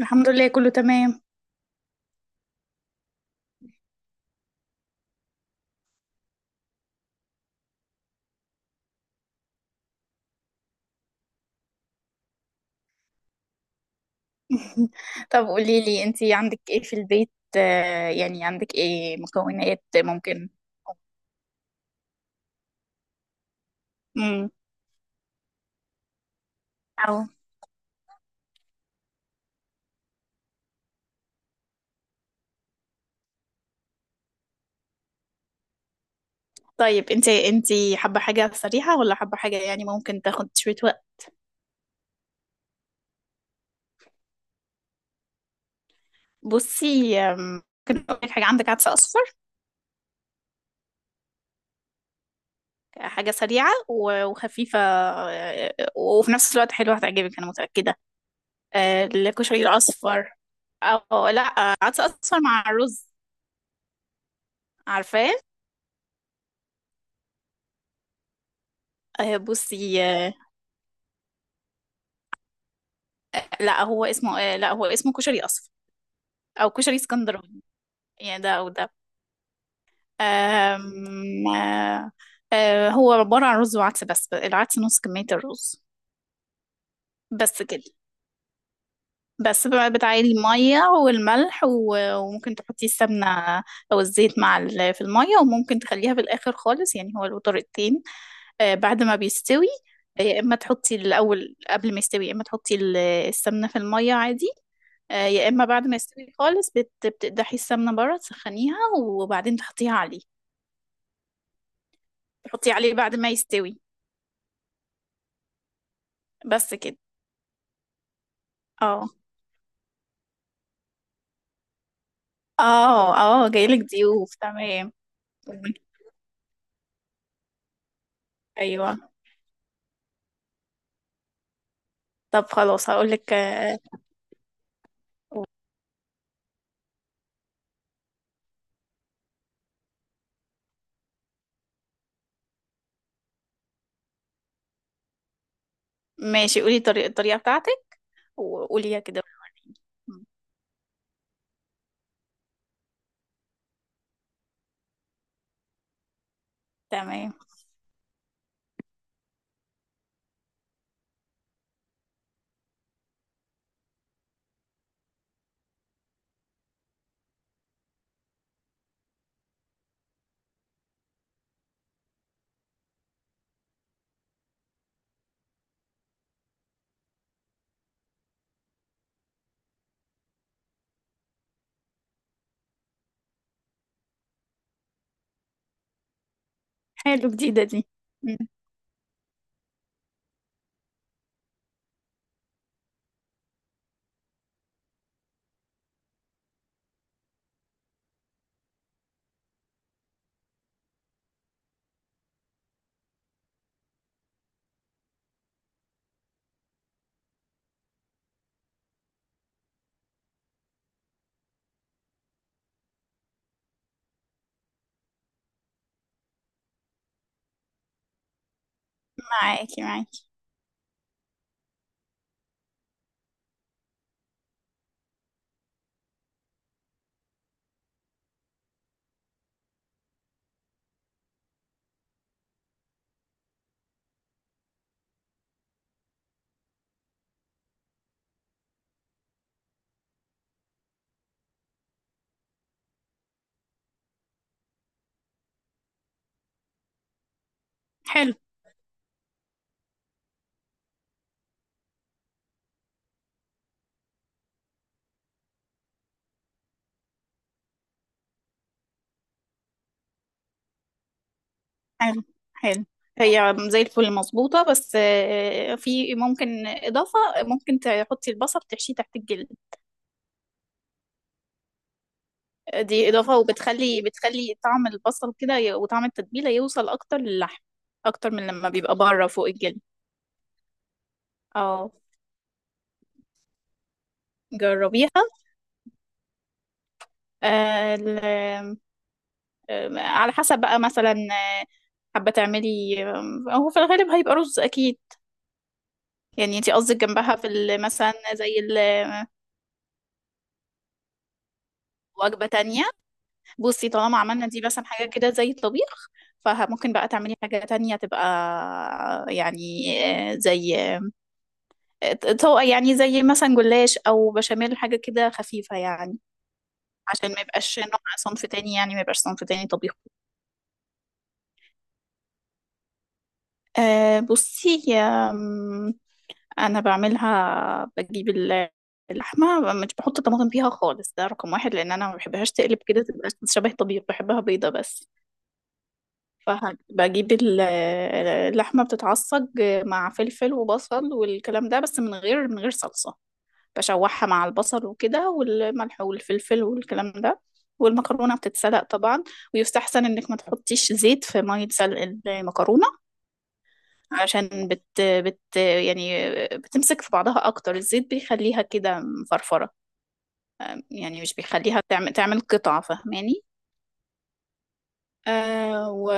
الحمد لله كله تمام. طب قولي لي انتي عندك ايه في البيت؟ يعني عندك ايه مكونات ممكن؟ امم. او. طيب انتي حابة حاجة سريعة ولا حابة حاجة يعني ممكن تاخد شوية وقت؟ بصي، ممكن اقول لك حاجة. عندك عدس اصفر؟ حاجة سريعة وخفيفة، وفي نفس الوقت حلوة، هتعجبك انا متأكدة. الكشري الاصفر. او لا، عدس اصفر مع الرز. عارفاه؟ بصي لا هو اسمه كشري اصفر، او كشري اسكندراني، يعني ده او ده. أم... آه، آه، هو عبارة عن رز وعدس، بس العدس نص كمية الرز. بس كده. بس بقى بتعيلي المية والملح وممكن تحطي السمنة أو الزيت مع في المية، وممكن تخليها في الآخر خالص. يعني هو له طريقتين: بعد ما بيستوي، يا إما تحطي الأول قبل ما يستوي، يا إما تحطي السمنة في المية عادي، يا إما بعد ما يستوي خالص بتقدحي السمنة بره، تسخنيها وبعدين تحطيها عليه. تحطي عليه بعد ما يستوي. بس كده. اه اه. اه، جايلك ضيوف، تمام. ايوه. طب خلاص هقولك. ماشي، قولي طريقة الطريقة بتاعتك وقوليها كده. م. تمام. حلو، جديدة دي. م. معاكي معاكي. حلو. حلو. حلو، هي زي الفل مظبوطة، بس في ممكن إضافة، ممكن تحطي البصل تحشيه تحت الجلد. دي إضافة، بتخلي طعم البصل كده وطعم التتبيلة يوصل أكتر للحم، أكتر من لما بيبقى بره فوق الجلد. اه، جربيها. آه، ال- على حسب بقى، مثلا حابة تعملي. هو في الغالب هيبقى رز أكيد. يعني انتي قصدك جنبها في مثلا زي وجبة تانية. بصي، طالما عملنا دي مثلا حاجة كده زي الطبيخ، فممكن بقى تعملي حاجة تانية تبقى يعني زي آه، طبقة، يعني زي مثلا جلاش أو بشاميل، حاجة كده خفيفة يعني، عشان ما يبقاش نوع صنف تاني، يعني ما يبقاش صنف تاني طبيخ. أه بصي، أنا بعملها بجيب اللحمة، مش بحط طماطم فيها خالص، ده رقم واحد، لأن أنا ما بحبهاش تقلب كده تبقى شبه طبيخ، بحبها بيضة بس. فبجيب اللحمة بتتعصج مع فلفل وبصل والكلام ده، بس من غير صلصة. بشوحها مع البصل وكده، والملح والفلفل والكلام ده. والمكرونة بتتسلق طبعا. ويستحسن انك ما تحطيش زيت في مية سلق المكرونة، عشان بت بت يعني بتمسك في بعضها اكتر، الزيت بيخليها كده مفرفرة، يعني مش بيخليها تعمل قطع. فاهماني؟ آه و...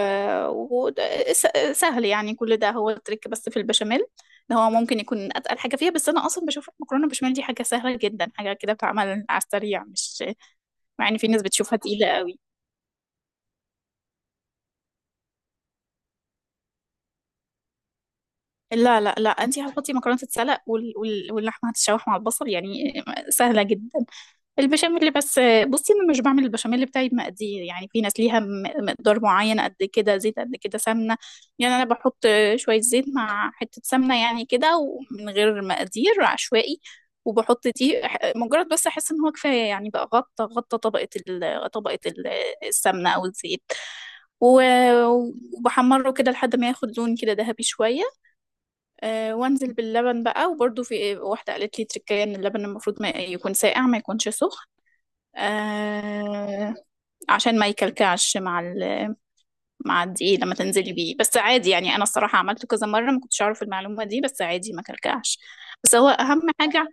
وده س- سهل يعني، كل ده هو التريك. بس في البشاميل ده هو ممكن يكون اتقل حاجه فيها، بس انا اصلا بشوف المكرونه بالبشاميل دي حاجه سهله جدا، حاجه كده بتعمل على السريع، مش مع ان في ناس بتشوفها تقيله قوي. لا لا لا، انت هتحطي مكرونه تتسلق وال... وال... واللحمه هتتشوح مع البصل، يعني سهله جدا. البشاميل بس، بصي انا مش بعمل البشاميل بتاعي بمقادير. يعني في ناس ليها مقدار معين، قد كده زيت قد كده سمنه. يعني انا بحط شويه زيت مع حته سمنه، يعني كده، ومن غير مقادير عشوائي. وبحط دي مجرد بس احس ان هو كفايه، يعني بقى غطى طبقه السمنه او الزيت، و- وبحمره كده لحد ما ياخد لون كده ذهبي شويه. وانزل باللبن بقى. وبرده في واحده قالت لي تركية ان اللبن المفروض ما يكون ساقع، ما يكونش سخن، آه، عشان ما يكلكعش مع مع الدقيق لما تنزلي بيه. بس عادي يعني، انا الصراحه عملته كذا مره ما كنتش اعرف المعلومه دي، بس عادي ما كلكعش، بس هو اهم حاجه.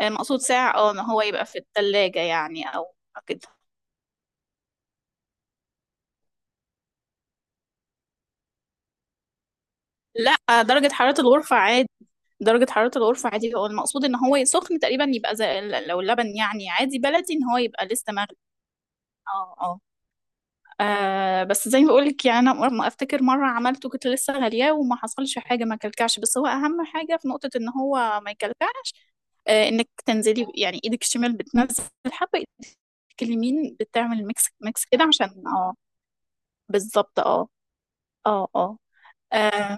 مقصود ساعه، اه، ان هو يبقى في الثلاجه يعني. او كده لا، درجه حراره الغرفه عادي. درجة حرارة الغرفة عادي، هو المقصود ان هو سخن تقريبا، يبقى زي لو اللبن يعني عادي بلدي، ان هو يبقى لسه مغلي. اه اه. بس زي ما بقولك، يعني انا ما افتكر مره عملته كنت لسه غالياه وما حصلش حاجه، ما كلكعش. بس هو اهم حاجه في نقطه ان هو ما يكلكعش. آه، انك تنزلي، يعني ايدك الشمال بتنزل حبه ايدك، اليمين بتعمل ميكس كده عشان اه، بالظبط. اه اه اه. آه،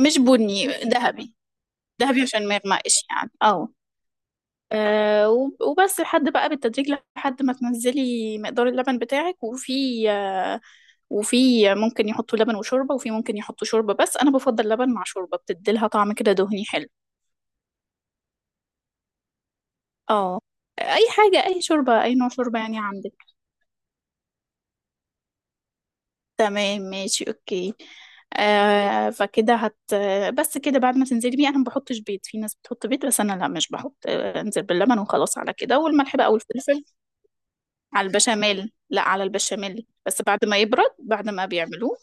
مش بني ذهبي، ذهبي عشان ما يغمقش يعني. اه. وبس لحد بقى بالتدريج لحد ما تنزلي مقدار اللبن بتاعك. وفي ممكن يحطوا لبن وشوربة، وفي ممكن يحطوا شوربة بس. أنا بفضل لبن مع شوربة، بتديلها طعم كده دهني حلو. اه. أي حاجة، أي شوربة، أي نوع شوربة يعني عندك. تمام ماشي أوكي. آه فكده هت بس كده بعد ما تنزلي بيه. أنا ما بحطش بيض، في ناس بتحط بيض بس أنا لا، مش بحط. أنزل باللبن وخلاص على كده، والملح بقى والفلفل على البشاميل. لا، على البشاميل بس بعد ما يبرد، بعد ما بيعملوه.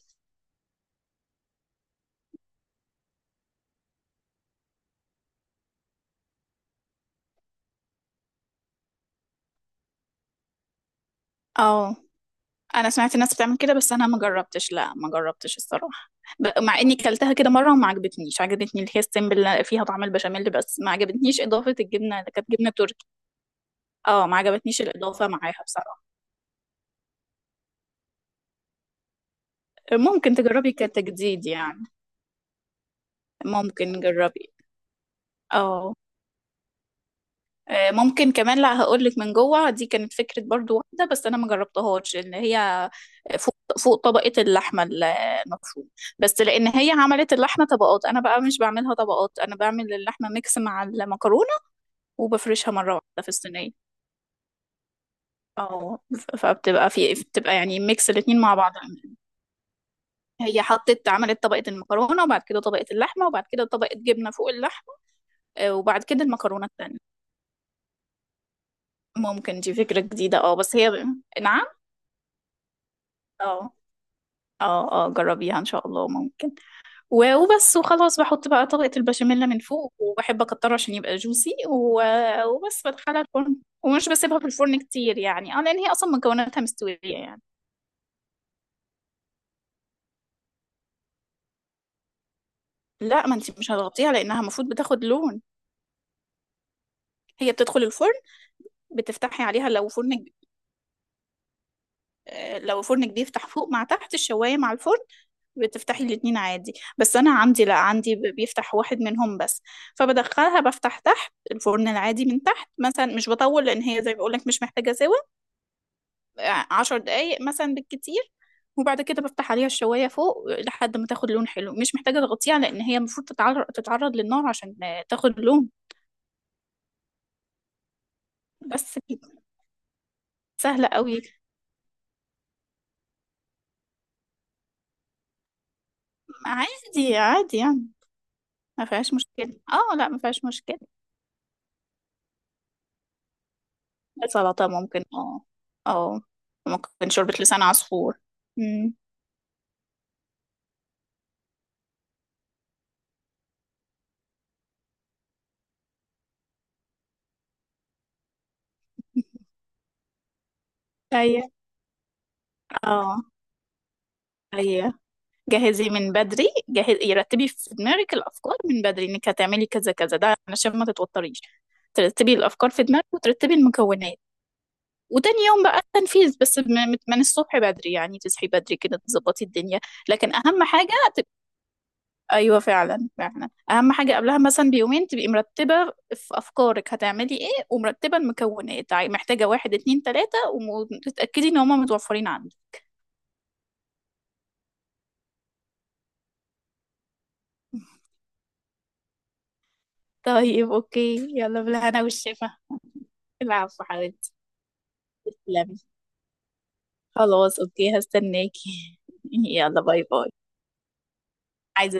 اه. انا سمعت الناس بتعمل كده، بس انا ما جربتش، لا ما جربتش الصراحه. مع اني كلتها كده مره وما عجبتنيش. عجبتني اللي هي السمبل اللي فيها طعم البشاميل، بس ما عجبتنيش اضافه الجبنه اللي كانت جبنه تركي. اه، ما عجبتنيش الاضافه معاها بصراحه. ممكن تجربي كتجديد يعني. ممكن نجربي. اه. ممكن كمان، لا هقولك من جوه، دي كانت فكرة برضو واحدة بس أنا ما جربتهاش، إن هي فوق طبقة اللحمة المفروم. بس لأن هي عملت اللحمة طبقات، أنا بقى مش بعملها طبقات، أنا بعمل اللحمة ميكس مع المكرونة وبفرشها مرة واحدة في الصينية. أو فبتبقى في بتبقى يعني ميكس الاتنين مع بعض. هي حطت، عملت طبقة المكرونة، وبعد كده طبقة اللحمة، وبعد كده طبقة جبنة فوق اللحمة، وبعد كده المكرونة التانية. ممكن دي فكرة جديدة، اه، بس هي. نعم. اه اه، اه جربيها ان شاء الله، ممكن. وبس وخلاص، بحط بقى طبقة البشاميل من فوق، وبحب اكتره عشان يبقى جوسي. وبس بدخلها الفرن. ومش بسيبها في الفرن كتير، يعني اه، لان هي اصلا مكوناتها مستوية يعني. لا، ما انت مش هتغطيها، لانها المفروض بتاخد لون. هي بتدخل الفرن، بتفتحي عليها لو فرن لو فرن كبير تحت فوق، مع تحت الشواية مع الفرن، بتفتحي الاتنين عادي. بس انا عندي لا، عندي بيفتح واحد منهم بس. فبدخلها بفتح تحت الفرن العادي من تحت مثلا، مش بطول، لان هي زي ما بقولك مش محتاجه سوا 10 دقايق مثلا بالكتير. وبعد كده بفتح عليها الشوايه فوق لحد ما تاخد لون حلو. مش محتاجه تغطيها لان هي المفروض تتعرض للنار عشان تاخد لون. بس كده. سهله قوي. عادي عادي يعني، ما فيهاش مشكله، اه لا ما فيهاش مشكله. سلطه ممكن، اه. اه. ممكن شوربه لسان عصفور. ايوه. اه ايوه، جهزي من بدري، جهزي، رتبي في دماغك الافكار من بدري انك هتعملي كذا كذا، ده علشان ما تتوتريش. ترتبي الافكار في دماغك وترتبي المكونات. وتاني يوم بقى التنفيذ بس، من الصبح بدري، يعني تصحي بدري كده تظبطي الدنيا. لكن اهم حاجه. ايوه فعلا فعلا، اهم حاجه قبلها مثلا بيومين تبقي مرتبه في افكارك هتعملي ايه، ومرتبه المكونات، محتاجه واحد اتنين تلاته، وتتاكدي ان هما متوفرين عندك. طيب اوكي، يلا بالهنا والشفا. العفو حبيبتي، تسلمي. خلاص اوكي، هستناكي يلا باي باي. عايزة